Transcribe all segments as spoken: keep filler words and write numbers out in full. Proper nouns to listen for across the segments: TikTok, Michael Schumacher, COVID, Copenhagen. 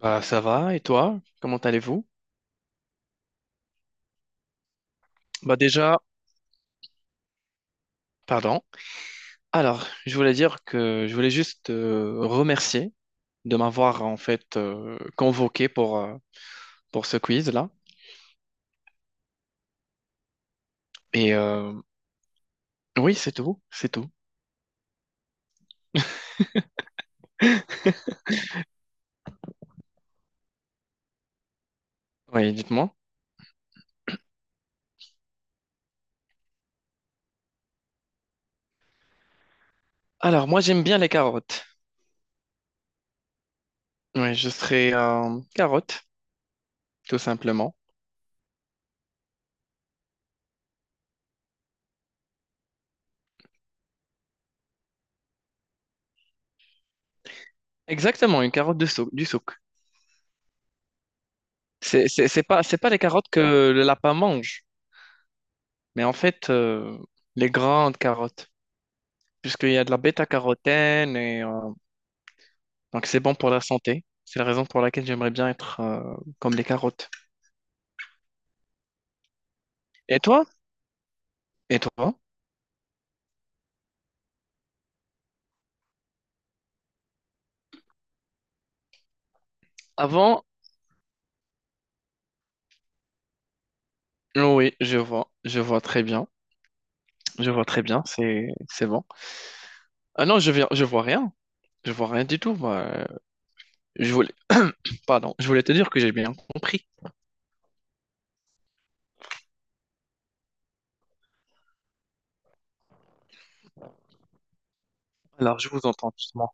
Bah, ça va, et toi? Comment allez-vous? Bah déjà, pardon. Alors, je voulais dire que je voulais juste te remercier de m'avoir en fait euh, convoqué pour, euh, pour ce quiz-là. Et euh, oui, c'est tout, c'est tout. Oui, dites-moi. Alors, moi j'aime bien les carottes. Oui, je serais euh, carotte, tout simplement. Exactement, une carotte de sou- du souk. C'est c'est- c'est pas, c'est pas les carottes que le lapin mange, mais en fait, euh, les grandes carottes. Puisqu'il y a de la bêta-carotène et donc c'est bon pour la santé. C'est la raison pour laquelle j'aimerais bien être euh, comme les carottes. Et toi? Et toi? Avant, oui, je vois, je vois très bien, je vois très bien, c'est c'est bon. Ah non, je viens, je vois rien, je vois rien du tout. Moi. Euh, Je voulais, pardon, je voulais te dire que j'ai bien compris. Alors je vous entends doucement.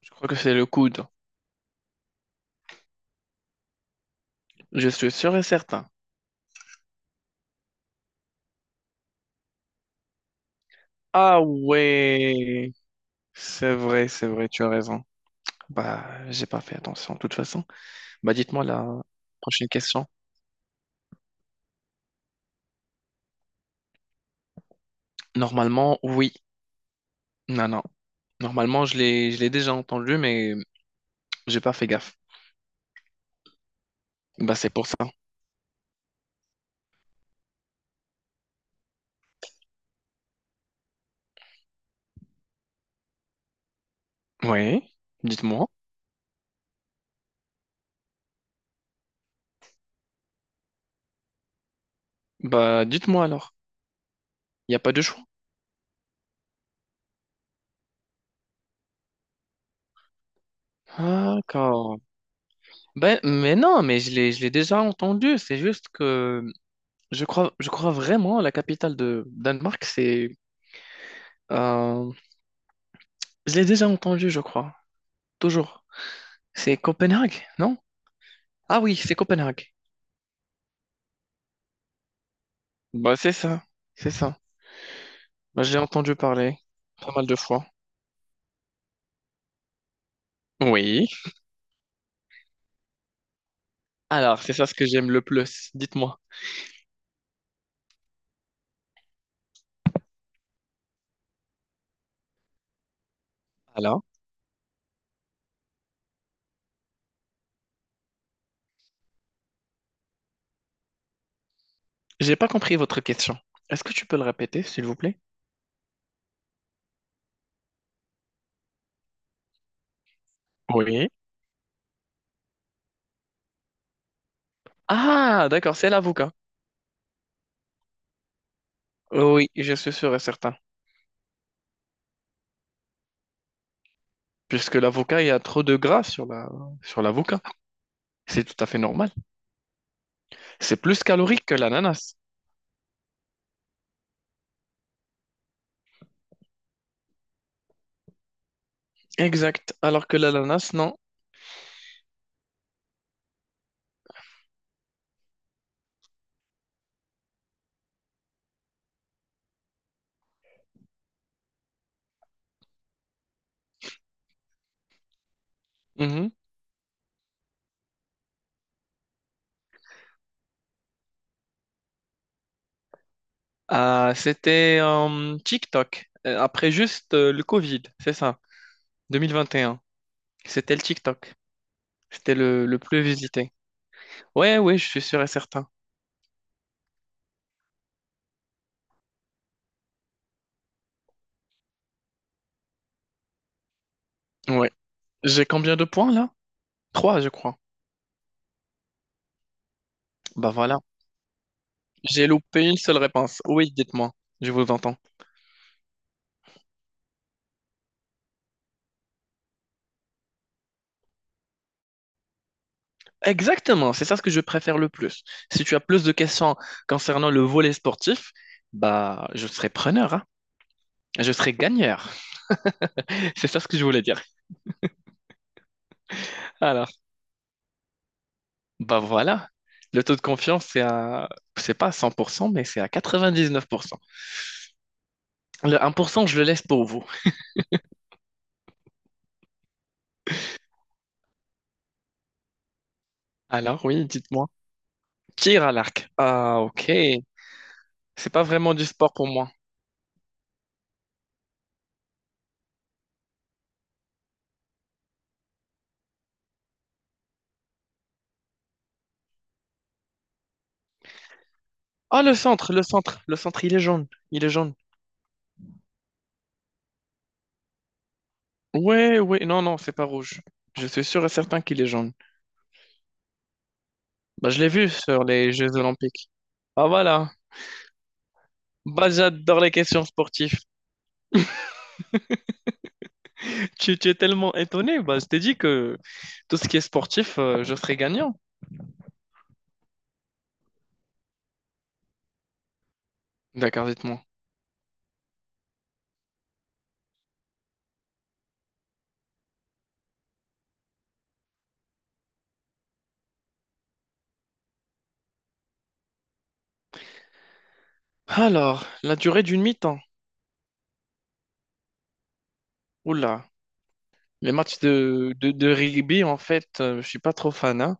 Je crois que c'est le coude. Je suis sûr et certain. Ah ouais, c'est vrai, c'est vrai, tu as raison. Bah, j'ai pas fait attention de toute façon. Bah, dites-moi la prochaine question. Normalement, oui. Non, non. Normalement, je l'ai, je l'ai déjà entendu, mais j'ai pas fait gaffe. Bah, c'est pour ça. Oui, dites-moi. Bah, dites-moi alors. Il n'y a pas de choix. D'accord. Ben, mais non, mais je l'ai, je l'ai déjà entendu. C'est juste que je crois, je crois vraiment la capitale de Danemark, c'est. euh, je l'ai déjà entendu, je crois. Toujours. C'est Copenhague, non? Ah oui, c'est Copenhague. Bah, c'est ça. C'est ça. Bah, j'ai entendu parler pas mal de fois. Oui. Alors, c'est ça ce que j'aime le plus. Dites-moi. Alors, j'ai pas compris votre question. Est-ce que tu peux le répéter, s'il vous plaît? Oui. Ah, d'accord, c'est l'avocat. Oui, je suis sûr et certain. Puisque l'avocat, il y a trop de gras sur la sur l'avocat. C'est tout à fait normal. C'est plus calorique que l'ananas. Exact. Alors que l'ananas, non. Mhm. Ah, c'était euh, TikTok. Euh, Après juste euh, le Covid, c'est ça. deux mille vingt et un. C'était le TikTok. C'était le, le plus visité. Ouais, ouais, je suis sûr et certain. Ouais. J'ai combien de points là? Trois, je crois. Bah voilà. J'ai loupé une seule réponse. Oui, dites-moi. Je vous entends. Exactement, c'est ça ce que je préfère le plus. Si tu as plus de questions concernant le volet sportif, bah je serai preneur, hein. Je serai gagneur. C'est ça ce que je voulais dire. Alors, bah voilà. Le taux de confiance, c'est à, c'est pas à cent pour cent, mais c'est à quatre-vingt-dix-neuf pour cent. Le un pour cent je le laisse pour vous. Alors, oui, dites-moi. Tir à l'arc. Ah, ok. C'est pas vraiment du sport pour moi. Ah, le centre, le centre, le centre, il est jaune. Il est jaune. Ouais, ouais, non, non, c'est pas rouge. Je suis sûr et certain qu'il est jaune. Bah, je l'ai vu sur les Jeux Olympiques. Ah, voilà. Bah, j'adore les questions sportives. Tu, tu es tellement étonné. Bah, je t'ai dit que tout ce qui est sportif, euh, je serai gagnant. D'accord, dites-moi. Alors, la durée d'une mi-temps. Oula. Les matchs de, de, de rugby, en fait, euh, je suis pas trop fan, hein.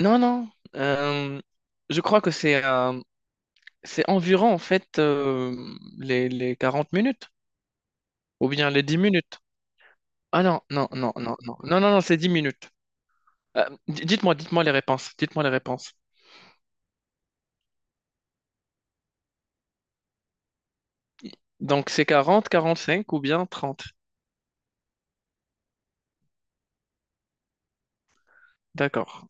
Non, non. euh, je crois que c'est euh, c'est environ, en fait, euh, les, les quarante minutes ou bien les dix minutes. Ah non, non, non, non, non, non, non, non, c'est dix minutes. Euh, d- dites-moi, dites-moi les réponses. Dites-moi les réponses. Donc, c'est quarante quarante-cinq ou bien trente. D'accord.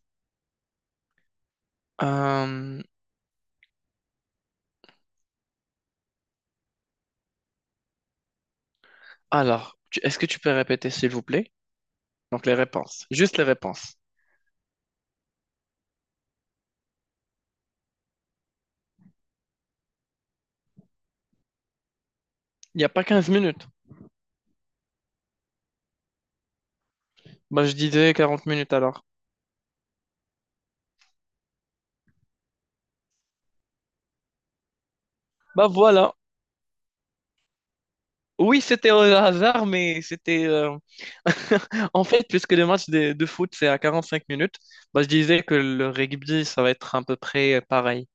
Euh, alors, tu- est-ce que tu peux répéter, s'il vous plaît? Donc, les réponses. Juste les réponses. Il n'y a pas quinze minutes. Bah, je disais quarante minutes alors. Bah, voilà. Oui, c'était au hasard, mais c'était... euh, en fait, puisque le match de, de foot, c'est à quarante-cinq minutes, bah, je disais que le rugby, ça va être à peu près euh, pareil.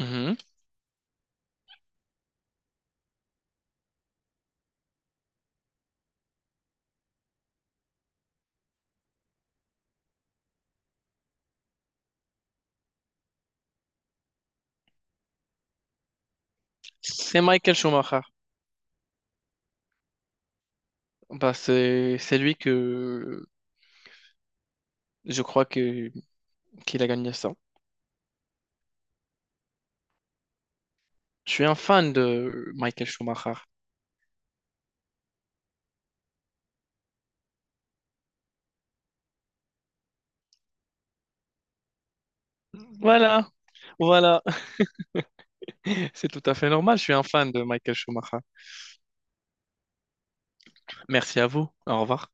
Mhm. C'est Michael Schumacher. Bah, c'est, c'est lui que je crois que, qu'il a gagné ça. Je suis un fan de Michael Schumacher. Voilà, voilà. C'est tout à fait normal, je suis un fan de Michael Schumacher. Merci à vous. Au revoir.